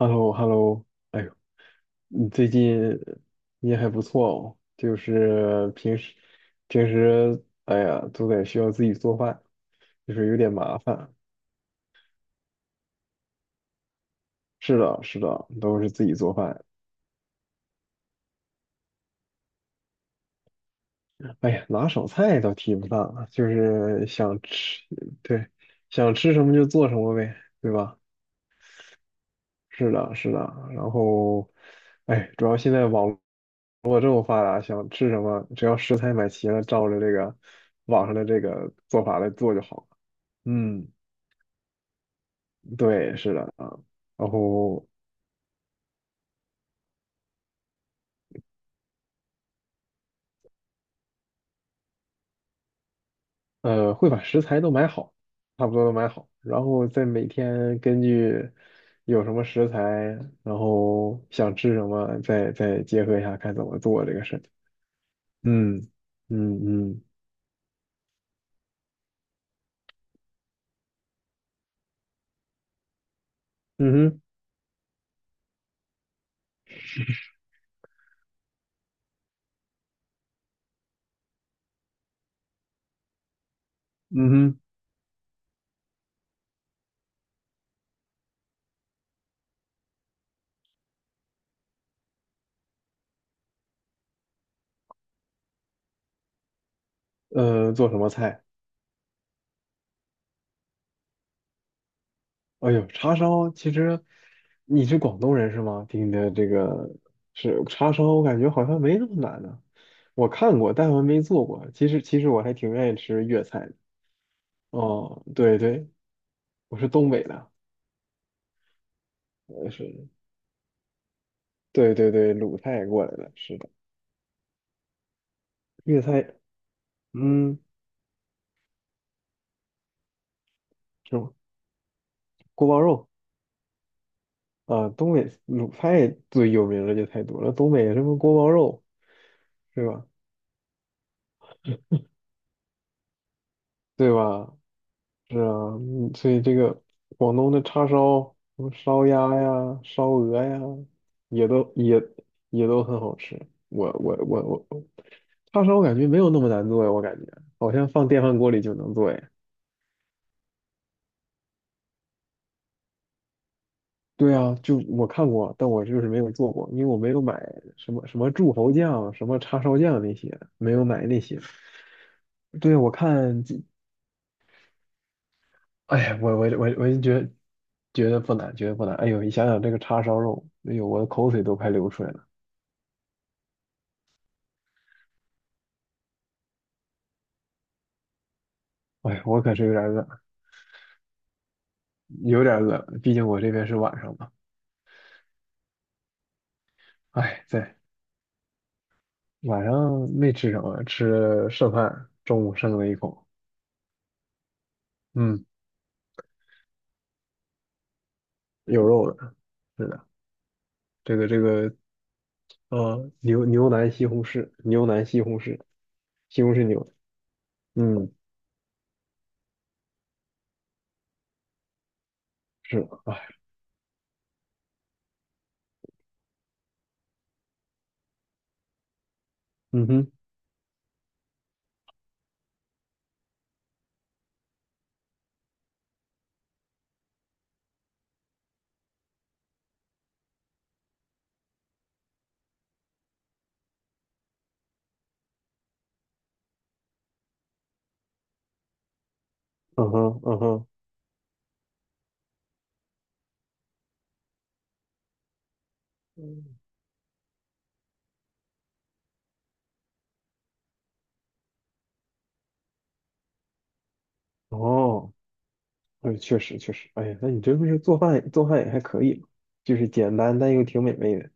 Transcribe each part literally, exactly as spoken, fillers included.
h e l l o h e l l o, 哎呦。你最近。你也还不错哦，就是平时平时，哎呀，都得需要自己做饭，就是有点麻烦。是的，是的，都是自己做饭。哎呀，拿手菜倒提不上啊，就是想吃，对，想吃什么就做什么呗，对吧？是的，是的。然后，哎，主要现在网络这么发达，想吃什么，只要食材买齐了，照着这个网上的这个做法来做就好。嗯，对，是的啊，然后呃，会把食材都买好，差不多都买好，然后再每天根据有什么食材，然后想吃什么，再再结合一下看怎么做这个事情。嗯嗯嗯。嗯哼。嗯哼。呃，做什么菜？哎呦，叉烧其实你是广东人是吗？听你的这个是叉烧，我感觉好像没那么难呢、我看过，但我没做过。其实其实我还挺愿意吃粤菜的。哦，对对，我是东北的，我是对对对，鲁菜过来的，是的。粤菜，嗯，什么锅包肉啊、东北鲁菜最有名的就太多了，东北什么锅包肉是吧？对吧？是啊，嗯所以这个广东的叉烧，什么烧鸭呀、烧鹅呀，也都也也都很好吃。我我我我，叉烧我感觉没有那么难做呀，我感觉好像放电饭锅里就能做呀。对啊，就我看过，但我就是没有做过，因为我没有买什么什么柱侯酱、什么叉烧酱那些，没有买那些。对啊，我看这，哎呀，我我我我就觉得觉得不难，觉得不难。哎呦，你想想这个叉烧肉，哎呦，我的口水都快流出来了。哎，我可是有点饿，有点饿，毕竟我这边是晚上嘛。哎，对，晚上没吃什么，吃了剩饭，中午剩了一口，嗯，有肉的，是的，这个这个，呃，牛牛腩西红柿，牛腩西红柿，西红柿牛，嗯，是，哎，嗯哼，嗯哼，嗯哼。嗯。哦，哎，确实确实，哎呀，那你这不是做饭做饭也还可以嘛，就是简单但又挺美味的，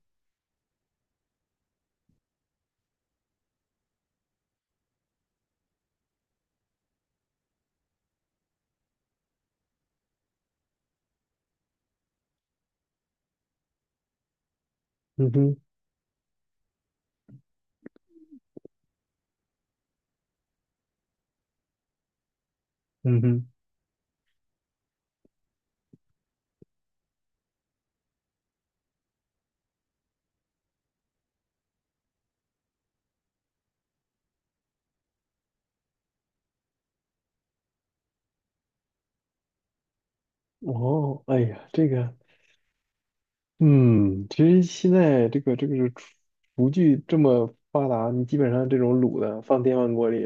嗯哼，嗯哼。哦，哎呀，这个嗯，其实现在这个这个是厨厨具这么发达，你基本上这种卤的放电饭锅里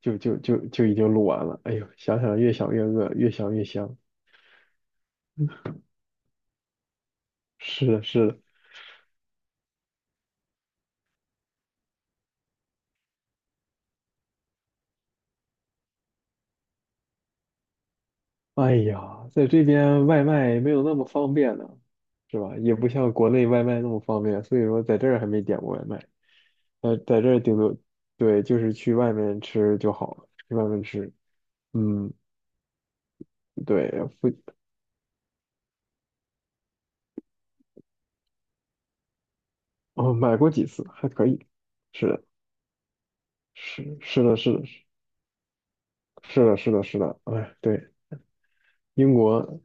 就就就就已经卤完了。哎呦，想想越想越饿，越想越香。是的，是的。哎呀，在这边外卖没有那么方便呢，是吧？也不像国内外卖那么方便，所以说在这儿还没点过外卖。呃，在这儿顶多对，就是去外面吃就好了，去外面吃。嗯，对，不，哦，买过几次还可以。是的。是是的，是的，是的，是的，是的，哎，对，英国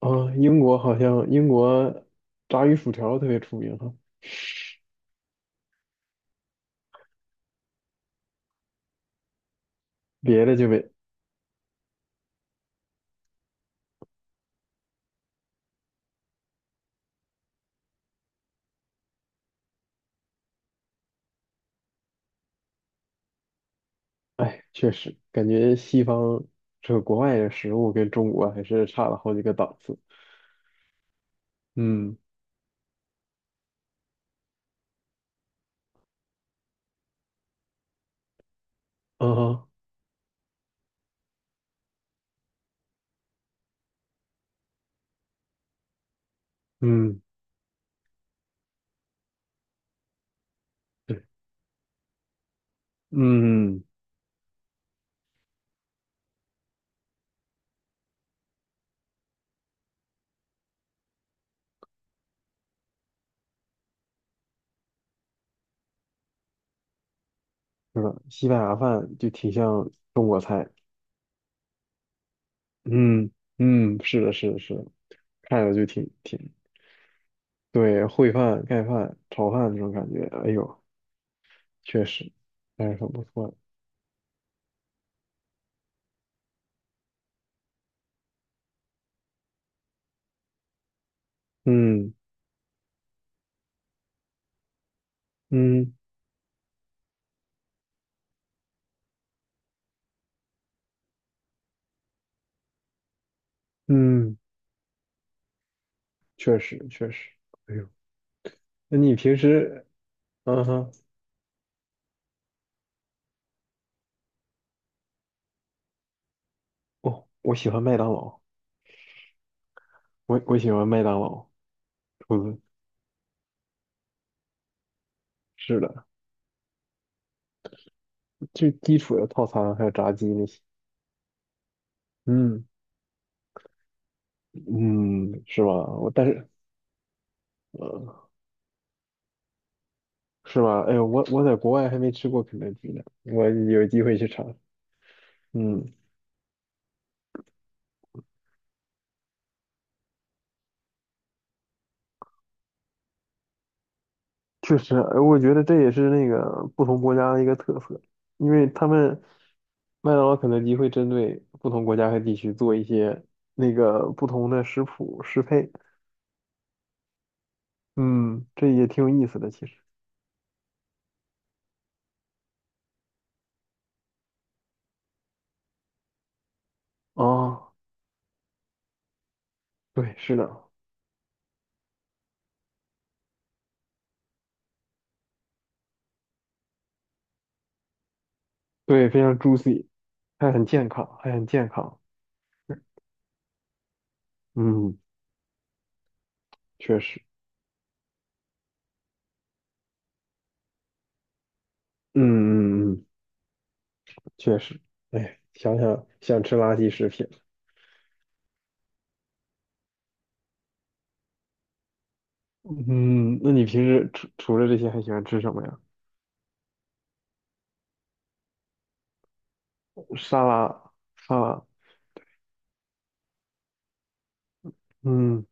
啊，英国好像英国炸鱼薯条特别出名哈，别的就没，哎，确实感觉西方这个国外的食物跟中国还是差了好几个档次。嗯，嗯哈，嗯，对，嗯，是的，西班牙饭就挺像中国菜。嗯嗯，是的，是的，是的，看着就挺挺，对，烩饭、盖饭、炒饭这种感觉，哎呦。确实，还是很不错的。嗯嗯嗯，确实确实。哎呦，那你平时，嗯哼，哦，我喜欢麦当劳，我我喜欢麦当劳，嗯，是的，最基础的套餐还有炸鸡那些。嗯嗯，是吧？我但是，呃，是吧？哎呦，我我在国外还没吃过肯德基呢，我有机会去尝。嗯，确实，呃我觉得这也是那个不同国家的一个特色，因为他们麦当劳、肯德基会针对不同国家和地区做一些那个不同的食谱适配，嗯，这也挺有意思的，其实。啊，对，是的，对，非常 juicy，还很健康，还很健康，嗯，确实，嗯嗯嗯，确实，哎，想想想吃垃圾食品，嗯，那你平时除除了这些还喜欢吃什么呀？沙拉，沙拉。嗯。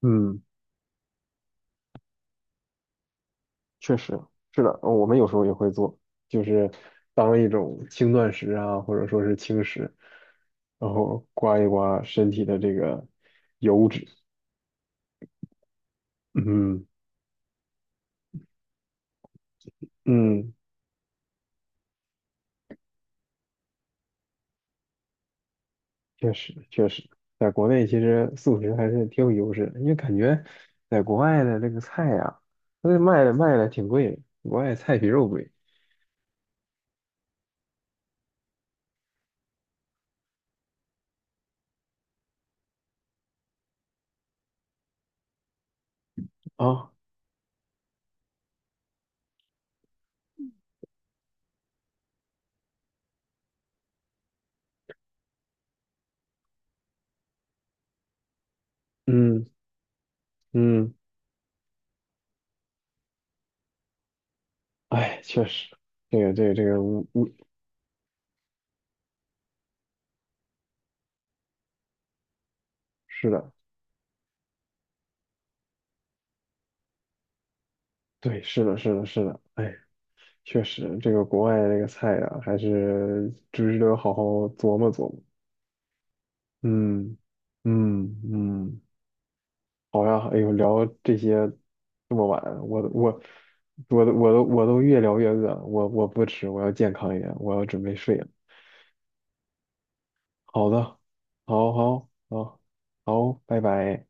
嗯，确实是的，我们有时候也会做，就是当一种轻断食啊，或者说是轻食，然后刮一刮身体的这个油脂。嗯嗯，确实确实，在国内其实素食还是挺有优势的，因为感觉在国外的这个菜呀、它那卖的卖的挺贵的，国外菜比肉贵啊。嗯嗯，哎，确实，这个这个这个，嗯嗯，是的，对，是的，是的，是的，哎。确实，这个国外的这个菜呀、还是值得好好琢磨琢磨。嗯嗯嗯，好呀，哎呦，聊这些这么晚，我我我都我都我都越聊越饿，我我不吃，我要健康一点，我要准备睡了。好的，好好好好，拜拜。